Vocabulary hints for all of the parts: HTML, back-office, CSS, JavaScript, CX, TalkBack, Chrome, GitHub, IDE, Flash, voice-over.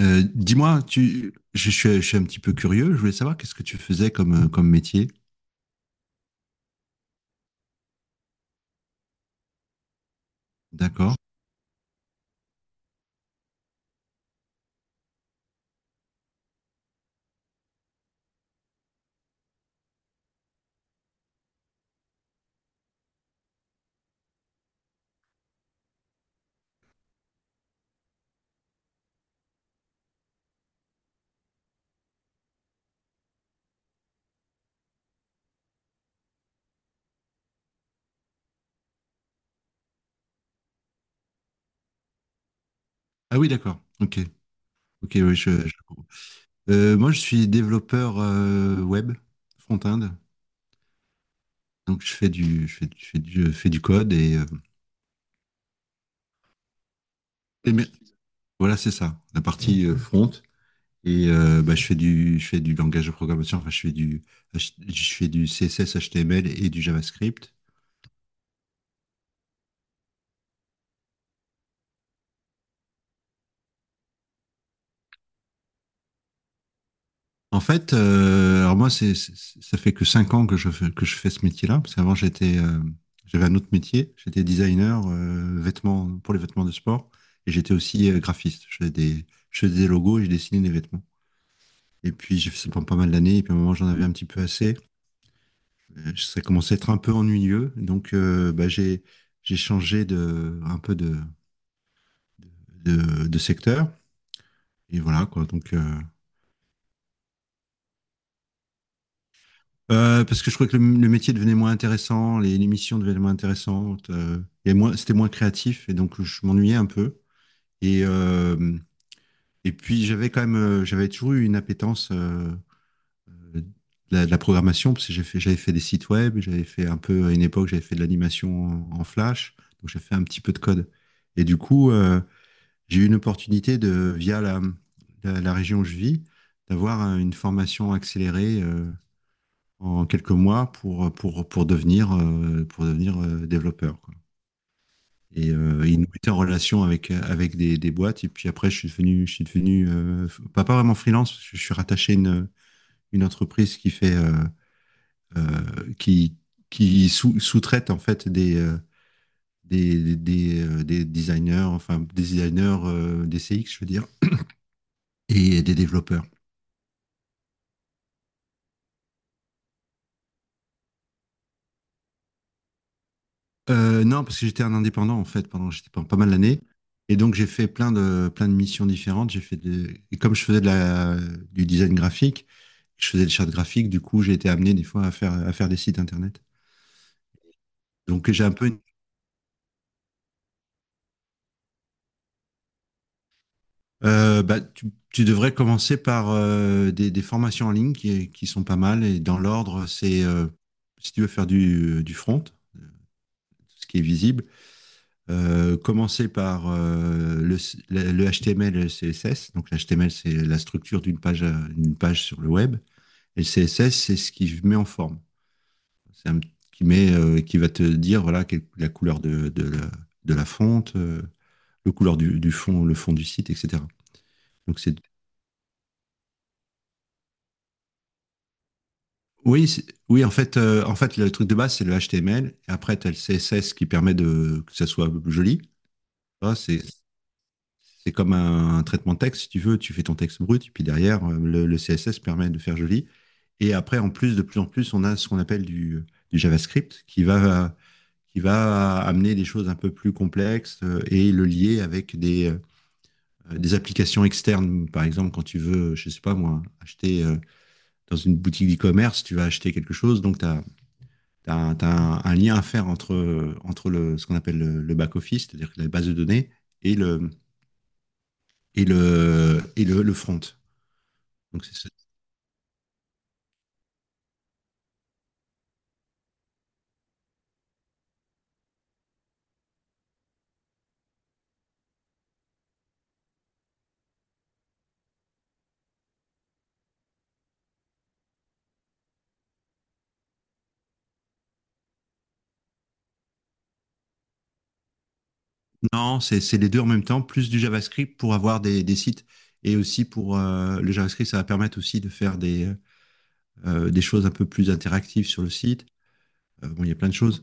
Dis-moi, tu, je suis un petit peu curieux. Je voulais savoir qu'est-ce que tu faisais comme métier. D'accord. Ah oui, d'accord. Ok. Ok, oui, je comprends. Moi, je suis développeur web front-end. Donc, je fais du code. Et mais- voilà, c'est ça, la partie front. Et bah, je fais du langage de programmation. Enfin, je fais du CSS, HTML et du JavaScript. En fait, alors moi, ça fait que 5 ans que je fais ce métier-là, parce qu'avant, j'avais un autre métier. J'étais designer vêtements, pour les vêtements de sport, et j'étais aussi graphiste. Je faisais des logos et je dessinais des vêtements. Et puis, j'ai fait ça pendant pas mal d'années, et puis à un moment, j'en avais un petit peu assez. Ça commençait à être un peu ennuyeux, donc bah, j'ai changé un peu de secteur. Et voilà, quoi. Donc, parce que je trouvais que le métier devenait moins intéressant, les émissions devenaient moins intéressantes, c'était moins créatif, et donc je m'ennuyais un peu. Et, euh, et puis j'avais quand même, j'avais toujours eu une appétence euh, de, de la programmation, parce que j'avais fait des sites web, j'avais fait un peu, à une époque, j'avais fait de l'animation en Flash, donc j'ai fait un petit peu de code. Et du coup, j'ai eu une opportunité de, via la région où je vis, d'avoir une formation accélérée en quelques mois pour devenir développeur, quoi. Et il nous mettait en relation avec des boîtes. Et puis après, je suis devenu pas vraiment freelance, parce que je suis rattaché à une entreprise qui fait, euh, qui, qui sous-traite en fait des designers, enfin des designers des CX, je veux dire, et des développeurs. Non, parce que j'étais un indépendant en fait pendant j'étais pendant pas mal d'années. Et donc j'ai fait plein de missions différentes. Et comme je faisais du design graphique, je faisais des chartes graphiques. Du coup, j'ai été amené des fois à faire des sites internet. Donc j'ai un peu une- Bah, tu devrais commencer par des formations en ligne qui sont pas mal. Et dans l'ordre, c'est si tu veux faire du front, tout ce qui est visible. Commencer par le HTML et le CSS. Donc, l'HTML, c'est la structure d'une page, une page sur le web. Et le CSS, c'est ce qui met en forme. C'est un, qui met, Qui va te dire, voilà, la couleur de la fonte, le couleur du fond, le fond du site, etc. Donc, c'est, oui, en fait, le truc de base, c'est le HTML. Et après, tu as le CSS qui permet de, que ça soit joli. Ça, c'est comme un traitement de texte, si tu veux. Tu fais ton texte brut, puis derrière, le CSS permet de faire joli. Et après, en plus, de plus en plus, on a ce qu'on appelle du JavaScript qui va amener des choses un peu plus complexes et le lier avec des applications externes. Par exemple, quand tu veux, je sais pas moi, acheter dans une boutique d'e-commerce, tu vas acheter quelque chose, donc t'as un lien à faire entre le, ce qu'on appelle le back-office, c'est-à-dire la base de données, et le front. Donc c'est ça. Non, c'est les deux en même temps, plus du JavaScript pour avoir des sites et aussi pour le JavaScript, ça va permettre aussi de faire des choses un peu plus interactives sur le site. Bon, il y a plein de choses.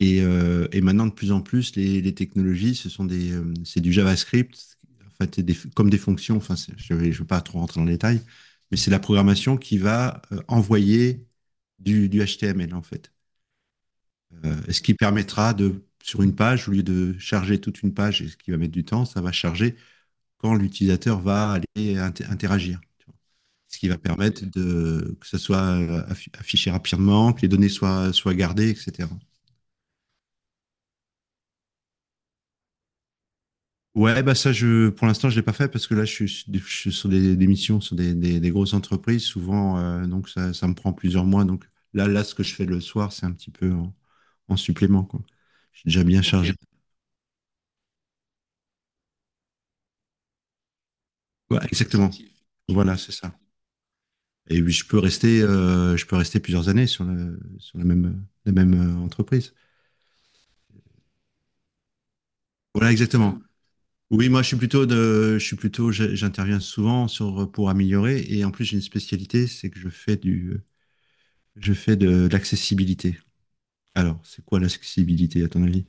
Et maintenant, de plus en plus, les technologies, c'est du JavaScript, en fait, c'est des, comme des fonctions. Enfin, je vais pas trop rentrer dans le détail, mais c'est la programmation qui va envoyer du HTML en fait. Est ce qui permettra de, sur une page, au lieu de charger toute une page, et ce qui va mettre du temps, ça va charger quand l'utilisateur va aller interagir. Tu vois. Ce qui va permettre de, que ça soit affiché rapidement, que les données soient gardées, etc. Ouais, bah ça, pour l'instant, je l'ai pas fait parce que là, je suis sur des missions, sur des grosses entreprises. Souvent, donc ça me prend plusieurs mois. Donc là, ce que je fais le soir, c'est un petit peu en supplément. Quoi. Je suis déjà bien chargé. Ouais, exactement. Voilà, c'est ça. Et oui, je peux rester plusieurs années sur la même entreprise. Voilà, exactement. Oui, moi, je suis plutôt de, je suis plutôt, je- j'interviens souvent pour améliorer. Et en plus, j'ai une spécialité, c'est que je fais de l'accessibilité. Alors, c'est quoi l'accessibilité, à ton avis?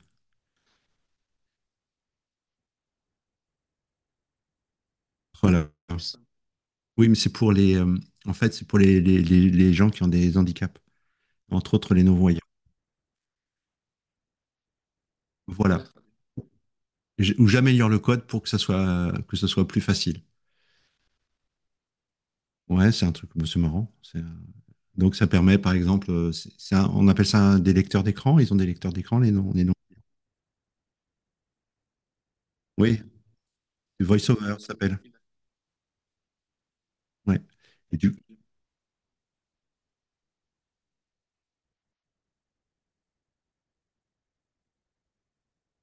Voilà. Oui, mais en fait, c'est pour les gens qui ont des handicaps, entre autres les non-voyants. Voilà. Ou j'améliore le code pour que ça soit plus facile. Ouais, c'est un truc, bon, c'est marrant. Donc ça permet, par exemple, on appelle ça des lecteurs d'écran. Ils ont des lecteurs d'écran, les noms. Oui, du voice-over ça s'appelle. Ouais. Et du...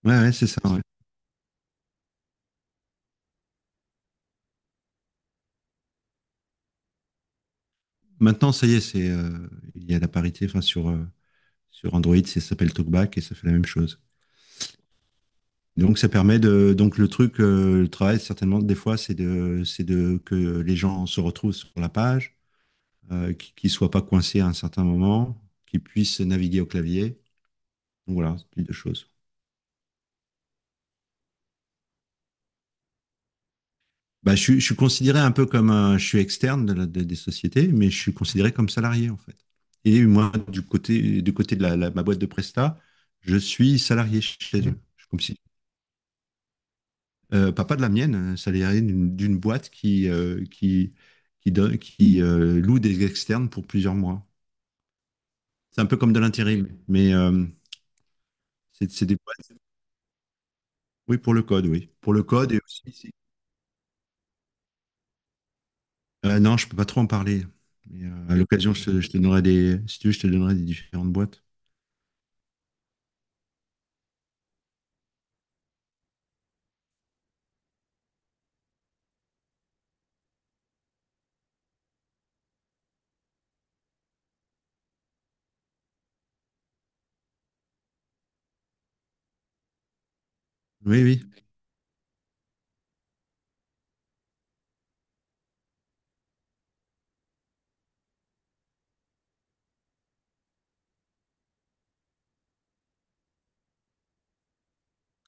ouais, ouais, c'est ça. Ouais. Maintenant, ça y est, c'est il y a la parité. Enfin, sur Android, ça s'appelle TalkBack et ça fait la même chose. Donc ça permet de donc le truc, le travail certainement des fois, c'est de que les gens se retrouvent sur la page, qu'ils soient pas coincés à un certain moment, qu'ils puissent naviguer au clavier. Donc, voilà, ce type de choses. Bah, je suis considéré un peu je suis externe des sociétés, mais je suis considéré comme salarié en fait. Et moi, du côté de ma boîte de Presta, je suis salarié chez eux. Je suis comme si, pas, pas de la mienne, salarié d'une boîte qui loue des externes pour plusieurs mois. C'est un peu comme de l'intérim, mais c'est des boîtes. Oui, pour le code, oui. Pour le code et aussi, non, je peux pas trop en parler. Mais, à l'occasion, je te donnerai des, si tu veux, je te donnerai des différentes boîtes. Oui, oui,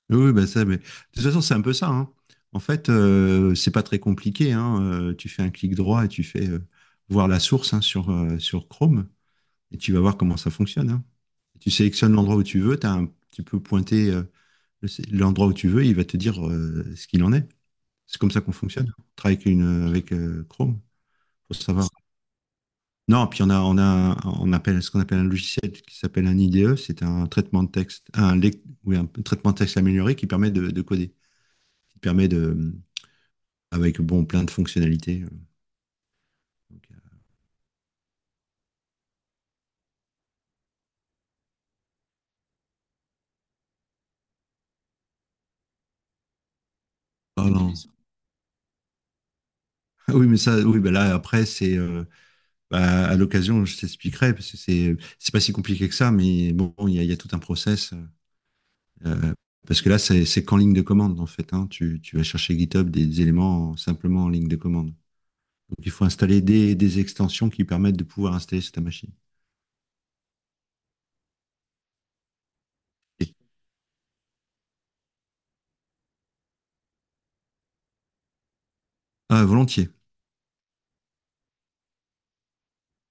oui, oui, bah ça, mais de toute façon, c'est un peu ça, hein. En fait, c'est pas très compliqué, hein. Tu fais un clic droit et tu fais voir la source, hein, sur Chrome et tu vas voir comment ça fonctionne, hein. Tu sélectionnes l'endroit où tu veux, tu as un petit peu pointé le- l'endroit où tu veux, il va te dire ce qu'il en est. C'est comme ça qu'on fonctionne. On travaille avec Chrome, faut savoir. Non, puis on a, un- on appelle ce qu'on appelle un logiciel qui s'appelle un IDE, c'est un traitement de texte, oui, un traitement de texte amélioré qui permet de coder, qui permet de, avec bon, plein de fonctionnalités. Donc, euh, parlant- Ah oui, mais ça, oui, bah là, après, c'est, bah, à l'occasion, je t'expliquerai, parce que c'est pas si compliqué que ça, mais bon, il y a tout un process. Euh, Parce que là, c'est qu'en ligne de commande, en fait, hein. Tu vas chercher GitHub des éléments simplement en ligne de commande. Donc, il faut installer des extensions qui permettent de pouvoir installer sur ta machine. Et- ah, volontiers.